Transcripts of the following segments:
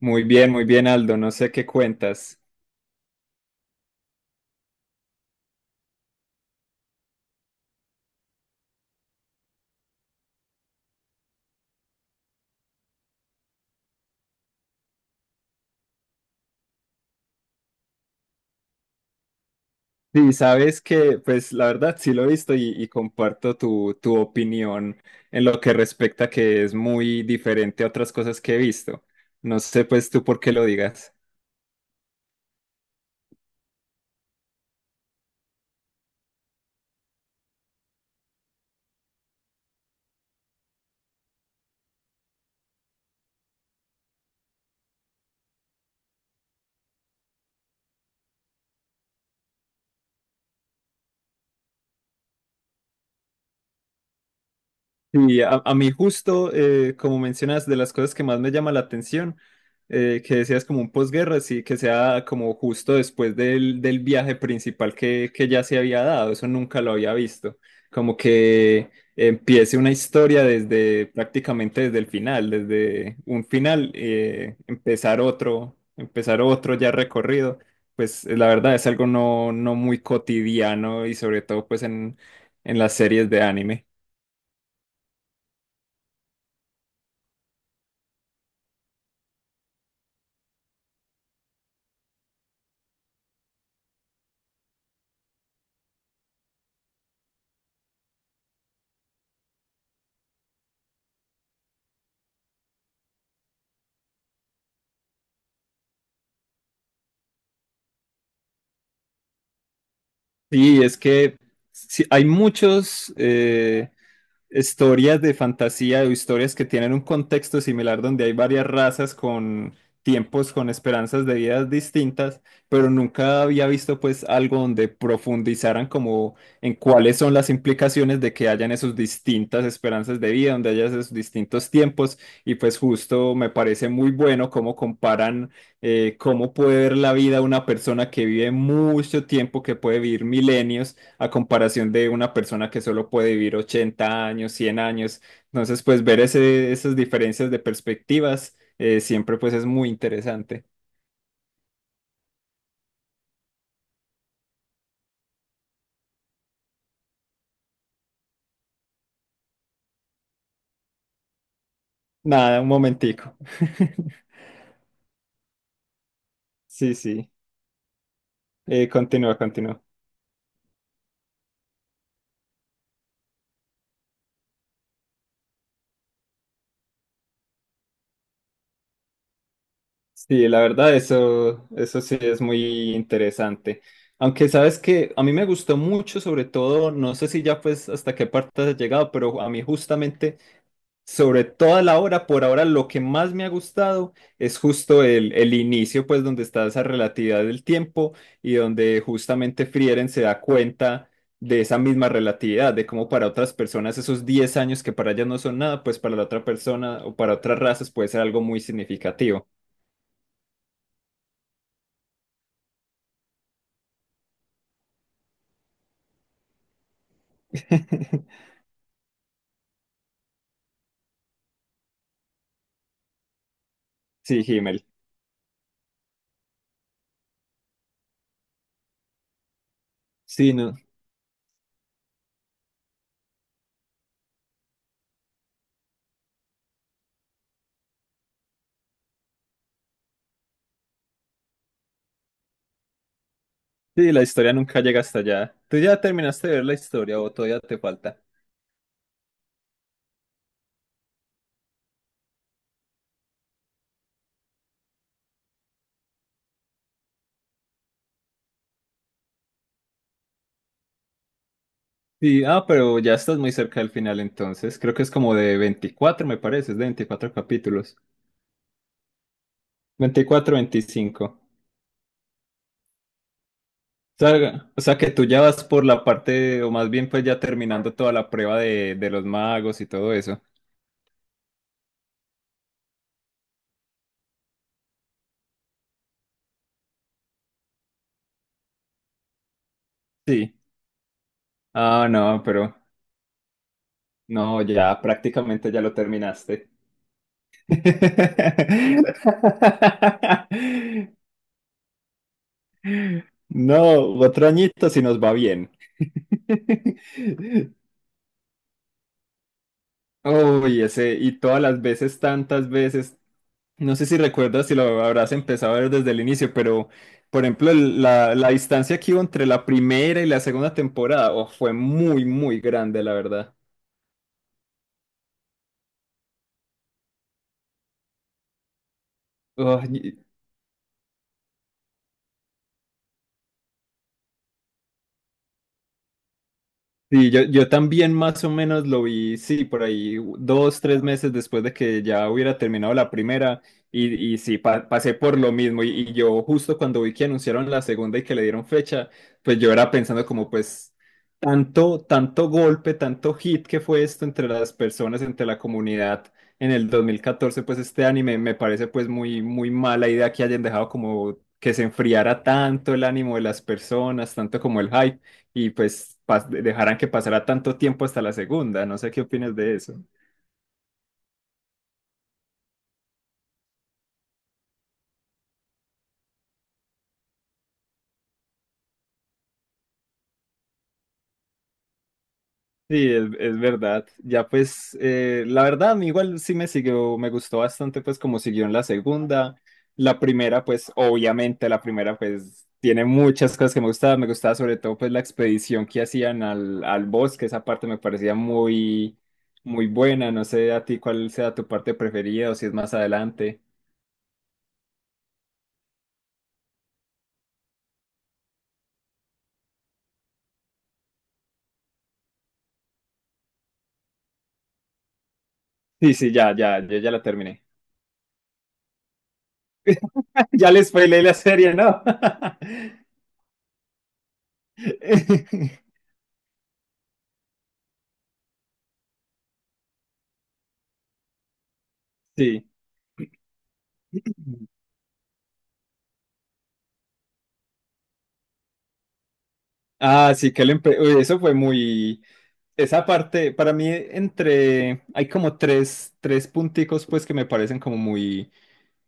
Muy bien, Aldo. No sé qué cuentas. Sí, sabes que, pues la verdad sí lo he visto y comparto tu opinión en lo que respecta que es muy diferente a otras cosas que he visto. No sé, pues tú por qué lo digas. Y a mí justo, como mencionas, de las cosas que más me llama la atención, que decías como un posguerra, sí, que sea como justo después del viaje principal que ya se había dado, eso nunca lo había visto, como que empiece una historia desde prácticamente desde el final, desde un final, empezar otro, ya recorrido, pues la verdad es algo no muy cotidiano y sobre todo pues en, las series de anime. Sí, es que sí, hay muchos historias de fantasía o historias que tienen un contexto similar donde hay varias razas con tiempos, con esperanzas de vidas distintas, pero nunca había visto pues algo donde profundizaran como en cuáles son las implicaciones de que hayan esas distintas esperanzas de vida, donde haya esos distintos tiempos y pues justo me parece muy bueno cómo comparan cómo puede ver la vida una persona que vive mucho tiempo, que puede vivir milenios a comparación de una persona que solo puede vivir 80 años, 100 años. Entonces, pues ver esas diferencias de perspectivas siempre pues es muy interesante. Nada, un momentico. Sí, sí. Continúa, continúa. Sí, la verdad, eso sí es muy interesante. Aunque sabes que a mí me gustó mucho, sobre todo, no sé si ya pues hasta qué parte has llegado, pero a mí justamente sobre toda la obra, por ahora lo que más me ha gustado es justo el inicio, pues donde está esa relatividad del tiempo y donde justamente Frieren se da cuenta de esa misma relatividad, de cómo para otras personas esos 10 años que para ellas no son nada, pues para la otra persona o para otras razas puede ser algo muy significativo. Sí, Himmel. Sí, no. Sí, la historia nunca llega hasta allá. ¿Tú ya terminaste de ver la historia o todavía te falta? Sí, ah, pero ya estás muy cerca del final entonces. Creo que es como de 24, me parece, es de 24 capítulos. 24, 25. O sea, que tú ya vas por la parte, o más bien pues ya terminando toda la prueba de los magos y todo eso. Sí. Ah, no, pero no, ya prácticamente ya lo terminaste. No, otro añito si nos va bien. Uy, ese, y todas las veces, tantas veces. No sé si recuerdas si lo habrás empezado a ver desde el inicio, pero por ejemplo, la distancia que hubo entre la primera y la segunda temporada, oh, fue muy, muy grande, la verdad. Oh, sí, yo también más o menos lo vi, sí, por ahí dos, tres meses después de que ya hubiera terminado la primera y, sí, pasé por lo mismo y yo justo cuando vi que anunciaron la segunda y que le dieron fecha, pues yo era pensando como pues tanto, tanto golpe, tanto hit que fue esto entre las personas, entre la comunidad en el 2014 pues este anime me parece pues muy, muy mala idea que hayan dejado como que se enfriara tanto el ánimo de las personas, tanto como el hype y pues dejaran que pasara tanto tiempo hasta la segunda. No sé qué opinas de eso. Sí, es verdad. Ya pues, la verdad, a mí igual sí me siguió, me gustó bastante pues como siguió en la segunda. La primera, pues obviamente la primera pues tiene muchas cosas que me gustaban. Me gustaba sobre todo pues la expedición que hacían al bosque. Esa parte me parecía muy, muy buena. No sé a ti cuál sea tu parte preferida o si es más adelante. Sí, sí, ya, ya, yo ya la terminé. Ya les spoilé la serie, ¿no? Sí. Ah, sí, que le uy, eso fue muy... Esa parte, para mí, entre... Hay como tres punticos, pues, que me parecen como muy,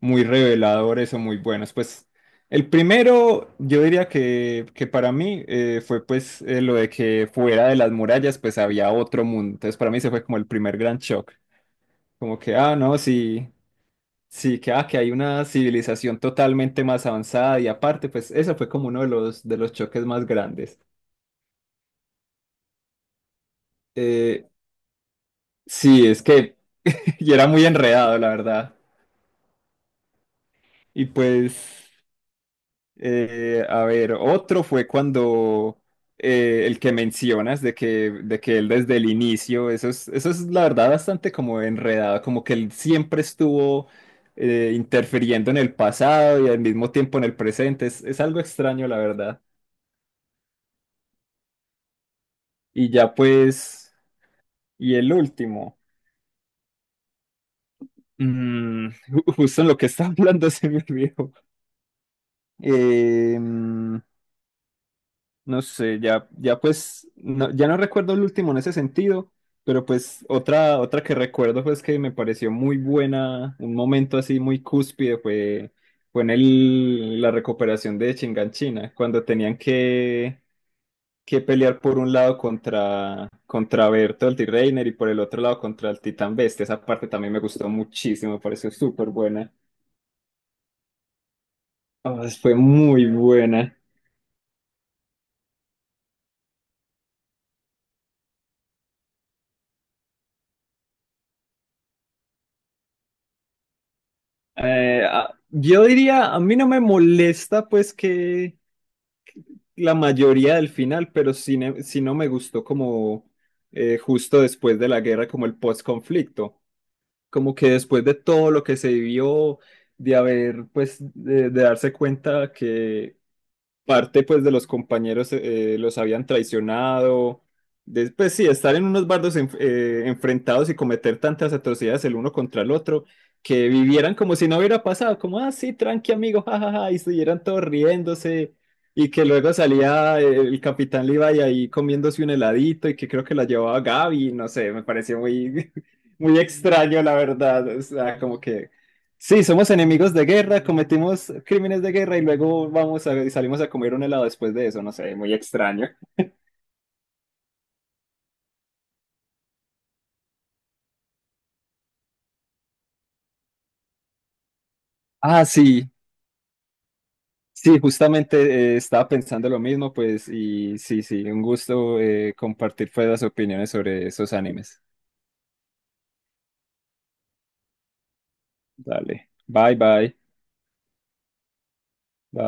muy reveladores o muy buenos. Pues, el primero, yo diría que para mí fue, pues, lo de que fuera de las murallas, pues, había otro mundo. Entonces, para mí, se fue como el primer gran shock. Como que, ah, no, sí. Sí, que, ah, que hay una civilización totalmente más avanzada y aparte, pues eso fue como uno de los choques más grandes. Eh, sí, es que y era muy enredado, la verdad. Y pues, a ver, otro fue cuando el que mencionas de que él desde el inicio, eso es la verdad bastante como enredado, como que él siempre estuvo interfiriendo en el pasado y al mismo tiempo en el presente. Es algo extraño, la verdad. Y ya pues... Y el último, justo en lo que estaba hablando se me olvidó. Eh, mm, no sé, ya, ya pues, ya no recuerdo el último en ese sentido, pero pues otra que recuerdo pues que me pareció muy buena, un momento así muy cúspide fue en la recuperación de Chinganchina, cuando tenían que pelear por un lado contra Berto el reiner y por el otro lado contra el Titán Bestia. Esa parte también me gustó muchísimo, me pareció súper buena. Ah, fue muy buena. Ah, yo diría, a mí no me molesta pues que la mayoría del final, pero sí, sí no me gustó como justo después de la guerra, como el post-conflicto, como que después de todo lo que se vivió, de haber pues, de darse cuenta que parte pues de los compañeros los habían traicionado. Después sí, estar en unos bardos enfrentados y cometer tantas atrocidades el uno contra el otro, que vivieran como si no hubiera pasado, como, ah, sí, tranqui amigo, jajaja, y estuvieran todos riéndose, y que luego salía el capitán Levi ahí comiéndose un heladito y que creo que la llevaba Gaby, no sé, me pareció muy, muy extraño, la verdad, o sea, como que... Sí, somos enemigos de guerra, cometimos crímenes de guerra y luego y salimos a comer un helado después de eso, no sé, muy extraño. Ah, sí, sí, justamente estaba pensando lo mismo, pues, y sí, sí, un gusto compartir pues, las opiniones sobre esos animes. Dale, bye, bye, bye.